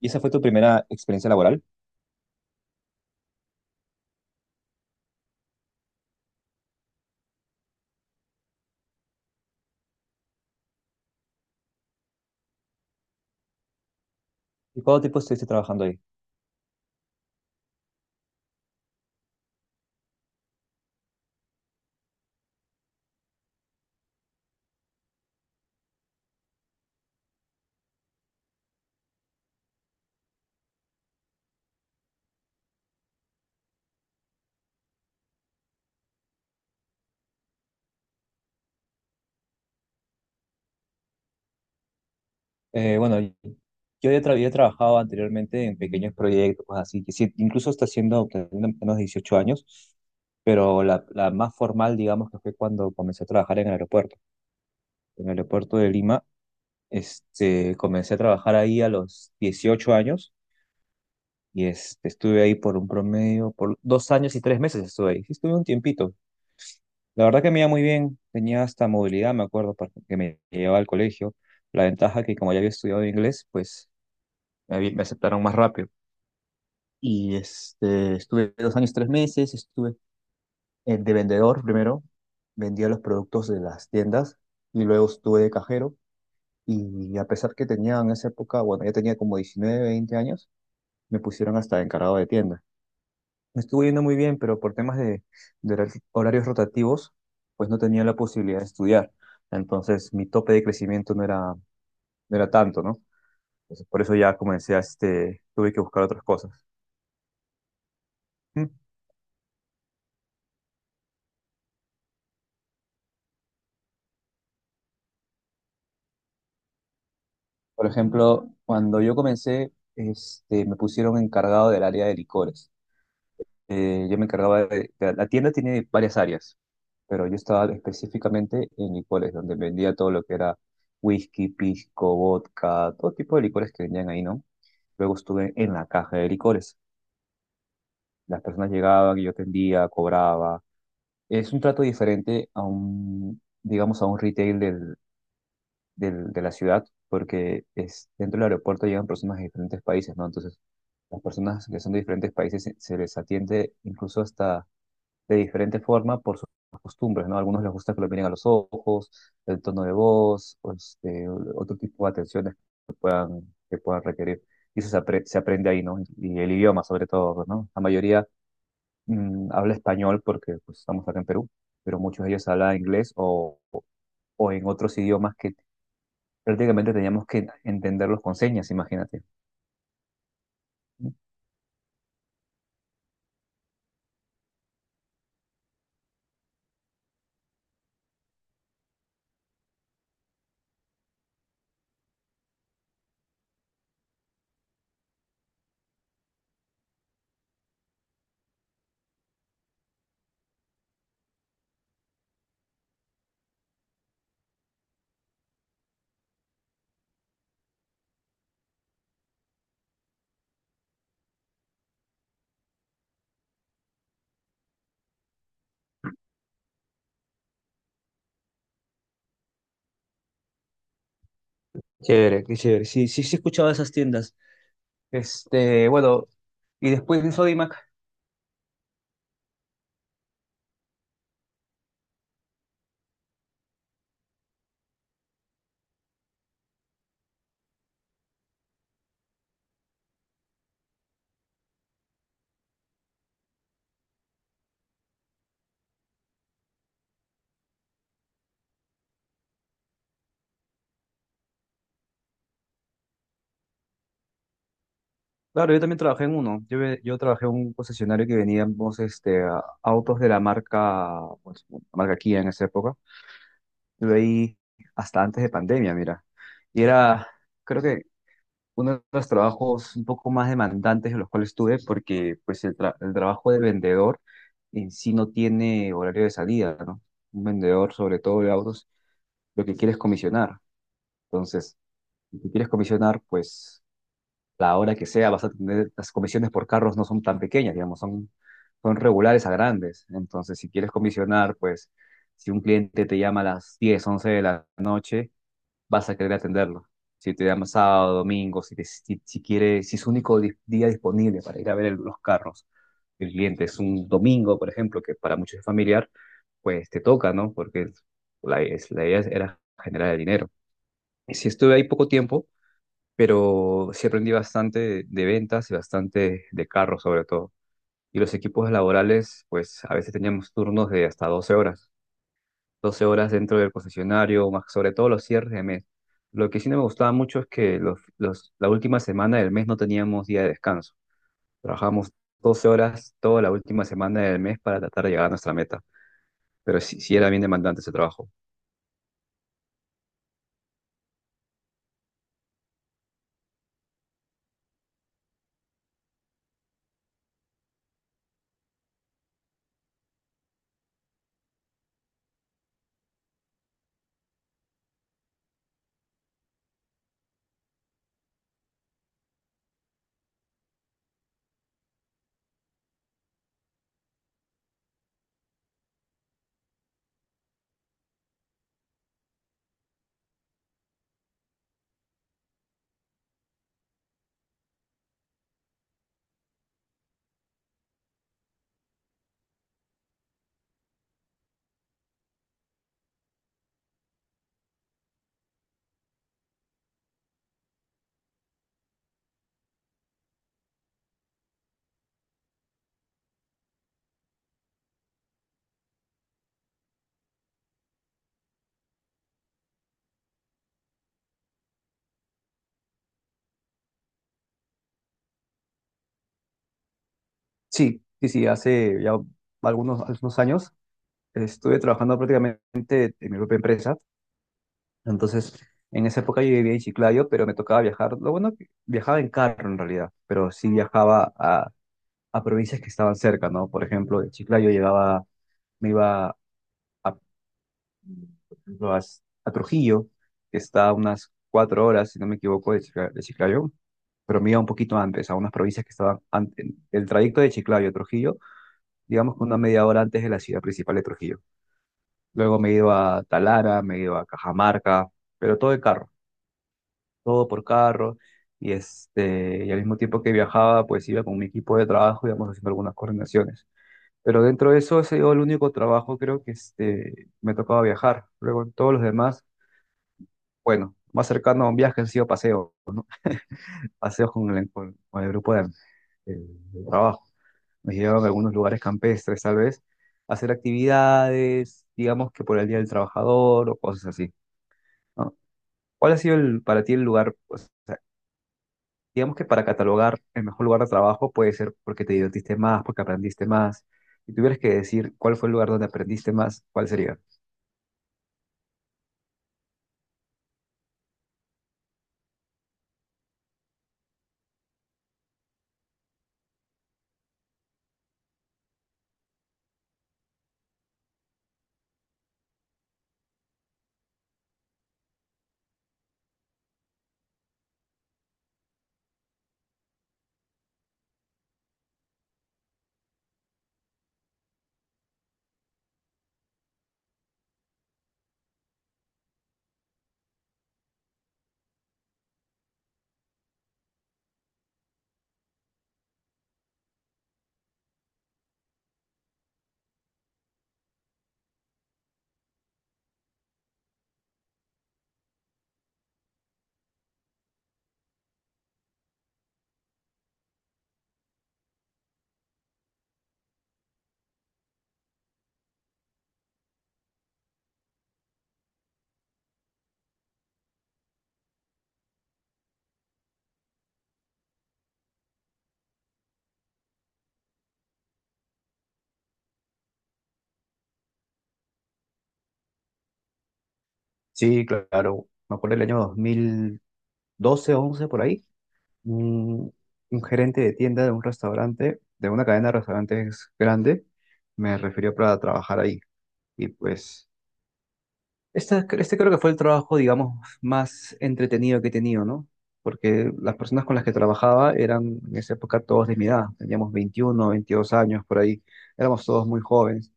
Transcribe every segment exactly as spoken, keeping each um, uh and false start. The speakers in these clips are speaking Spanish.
¿Y esa fue tu primera experiencia laboral? ¿Y cuánto tiempo estuviste trabajando ahí? Eh, bueno, yo ya tra- había trabajado anteriormente en pequeños proyectos, cosas así, que sí, incluso hasta siendo teniendo menos dieciocho años, pero la, la más formal, digamos, que fue cuando comencé a trabajar en el aeropuerto. En el aeropuerto de Lima, este, comencé a trabajar ahí a los dieciocho años y este, estuve ahí por un promedio, por dos años y tres meses estuve ahí. Sí, estuve un tiempito. La verdad que me iba muy bien, tenía hasta movilidad, me acuerdo, para- que me llevaba al colegio. La ventaja que como ya había estudiado inglés, pues me, habí- me aceptaron más rápido. Y este, estuve dos años, tres meses, estuve eh, de vendedor primero, vendía los productos de las tiendas y luego estuve de cajero. Y a pesar que tenía en esa época, bueno, ya tenía como diecinueve veinte años, me pusieron hasta encargado de tienda. Me estuvo yendo muy bien, pero por temas de, de hora- horarios rotativos, pues no tenía la posibilidad de estudiar. Entonces, mi tope de crecimiento no era, no era tanto, ¿no? Entonces, por eso ya comencé a, este, tuve que buscar otras cosas. ¿Mm? Por ejemplo, cuando yo comencé, este, me pusieron encargado del área de licores. Eh, yo me encargaba de, de- la tienda tiene varias áreas, pero yo estaba específicamente en licores, donde vendía todo lo que era whisky, pisco, vodka, todo tipo de licores que vendían ahí, ¿no? Luego estuve en la caja de licores. Las personas llegaban y yo atendía, cobraba. Es un trato diferente a un, digamos, a un retail del, del- de la ciudad, porque es, dentro del aeropuerto llegan personas de diferentes países, ¿no? Entonces, las personas que son de diferentes países se, se les atiende incluso hasta de diferente forma por sus costumbres, ¿no? A algunos les gusta que lo miren a los ojos, el tono de voz, o este, otro tipo de atenciones que puedan requerir. Y eso se, apre- se aprende ahí, ¿no? Y el idioma, sobre todo, ¿no? La mayoría mm, habla español porque pues, estamos acá en Perú, pero muchos de ellos hablan inglés o, o en otros idiomas que prácticamente teníamos que entenderlos con señas, imagínate. Chévere, qué chévere. Sí, sí, sí, he escuchado de esas tiendas. Este, bueno, y después en Sodimac, claro, yo también trabajé en uno. Yo, ve- yo trabajé en un concesionario que veníamos este, a- autos de la marca, pues, la marca Kia en esa época. Estuve ahí hasta antes de pandemia, mira. Y era, creo que uno de los trabajos un poco más demandantes en los cuales estuve, porque pues el, tra- el trabajo de vendedor en sí no tiene horario de salida, ¿no? Un vendedor, sobre todo de autos, lo que quiere es comisionar. Entonces, si tú quieres comisionar, pues la hora que sea vas a tener, las comisiones por carros no son tan pequeñas, digamos, son, son regulares a grandes. Entonces, si quieres comisionar, pues si un cliente te llama a las diez once de la noche, vas a querer atenderlo. Si te llama sábado, domingo, si, te- si, si quiere, si es su único di- día disponible para ir a ver el- los carros, el cliente es un domingo, por ejemplo, que para muchos es familiar, pues te toca, ¿no? Porque la, es- la idea era generar el dinero. Y sí estuve ahí poco tiempo, pero sí aprendí bastante de, de ventas y bastante de carros sobre todo. Y los equipos laborales, pues a veces teníamos turnos de hasta doce horas doce horas dentro del concesionario, más sobre todo los cierres de mes. Lo que sí no me gustaba mucho es que los, los- la última semana del mes no teníamos día de descanso. Trabajamos doce horas toda la última semana del mes para tratar de llegar a nuestra meta, pero sí, sí era bien demandante ese trabajo. Sí, sí, sí, hace ya algunos, algunos años estuve trabajando prácticamente en mi propia empresa. Entonces, en esa época yo vivía en Chiclayo, pero me tocaba viajar. Lo bueno que viajaba en carro en realidad, pero sí viajaba a, a provincias que estaban cerca, ¿no? Por ejemplo, de Chiclayo llegaba, me iba a, por ejemplo, a, a Trujillo, que está a unas cuatro horas, si no me equivoco, de, Chicla- de Chiclayo, pero me iba un poquito antes, a unas provincias que estaban antes. El trayecto de Chiclayo a Trujillo, digamos que una media hora antes de la ciudad principal de Trujillo. Luego me he ido a Talara, me he ido a Cajamarca, pero todo de carro, todo por carro. Y, este, y al mismo tiempo que viajaba, pues iba con mi equipo de trabajo, íbamos haciendo algunas coordinaciones. Pero dentro de eso, ese sido el único trabajo, creo que este, me tocaba viajar. Luego, en todos los demás, bueno, más cercano a un viaje han sido paseos, paseos con el, con, con el grupo de, de- de trabajo. Nos llevaban a algunos lugares campestres, tal vez, a hacer actividades, digamos que por el Día del Trabajador o cosas así, ¿no? ¿Cuál ha sido el, para ti el lugar, pues, o sea, digamos que para catalogar el mejor lugar de trabajo puede ser porque te divertiste más, porque aprendiste más? Si tuvieras que decir cuál fue el lugar donde aprendiste más, ¿cuál sería? Sí, claro. Me acuerdo del año dos mil doce once por ahí. Un, un gerente de tienda de un restaurante, de una cadena de restaurantes grande, me refirió para trabajar ahí. Y pues, esta- este creo que fue el trabajo, digamos, más entretenido que he tenido, ¿no? Porque las personas con las que trabajaba eran en esa época todos de mi edad. Teníamos veintiuno veintidós años por ahí. Éramos todos muy jóvenes.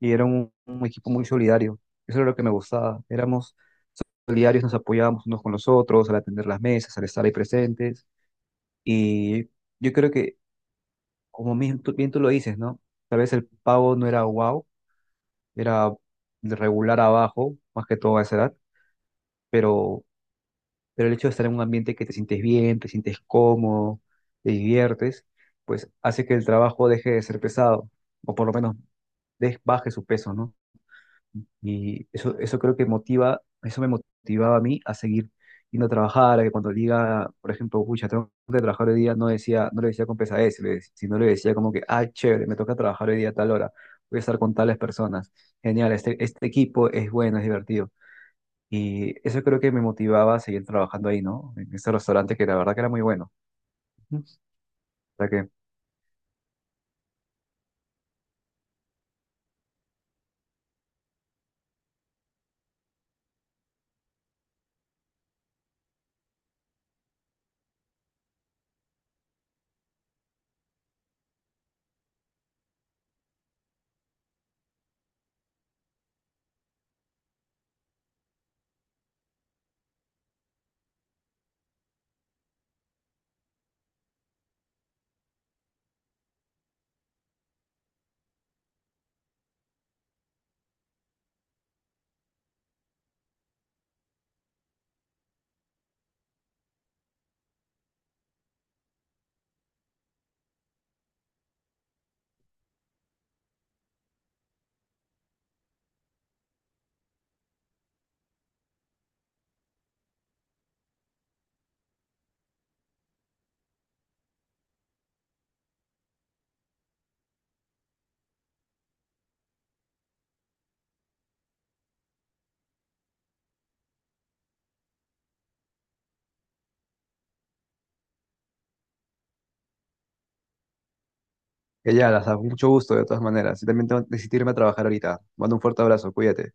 Y era un un equipo muy solidario. Eso era lo que me gustaba. Éramos diarios nos apoyábamos unos con los otros, al atender las mesas, al estar ahí presentes. Y yo creo que, como bien tú, bien tú lo dices, ¿no? Tal vez el pavo no era wow, era de regular abajo, más que todo a esa edad, pero, pero el hecho de estar en un ambiente que te sientes bien, te sientes cómodo, te diviertes, pues hace que el trabajo deje de ser pesado, o por lo menos des- baje su peso, ¿no? Y eso, eso creo que motiva, eso me motivaba a mí a seguir yendo a trabajar, a que cuando diga, por ejemplo, pucha, tengo que trabajar hoy día, no decía, no le decía con pesadez, le dec- sino le decía como que, ah, chévere, me toca trabajar hoy día a tal hora, voy a estar con tales personas, genial, este, este equipo es bueno, es divertido. Y eso creo que me motivaba a seguir trabajando ahí, ¿no? En ese restaurante que la verdad que era muy bueno. Ujú. O sea que, que ya, las mucho gusto de todas maneras. Yo también tengo que decidirme a trabajar ahorita. Mando un fuerte abrazo, cuídate.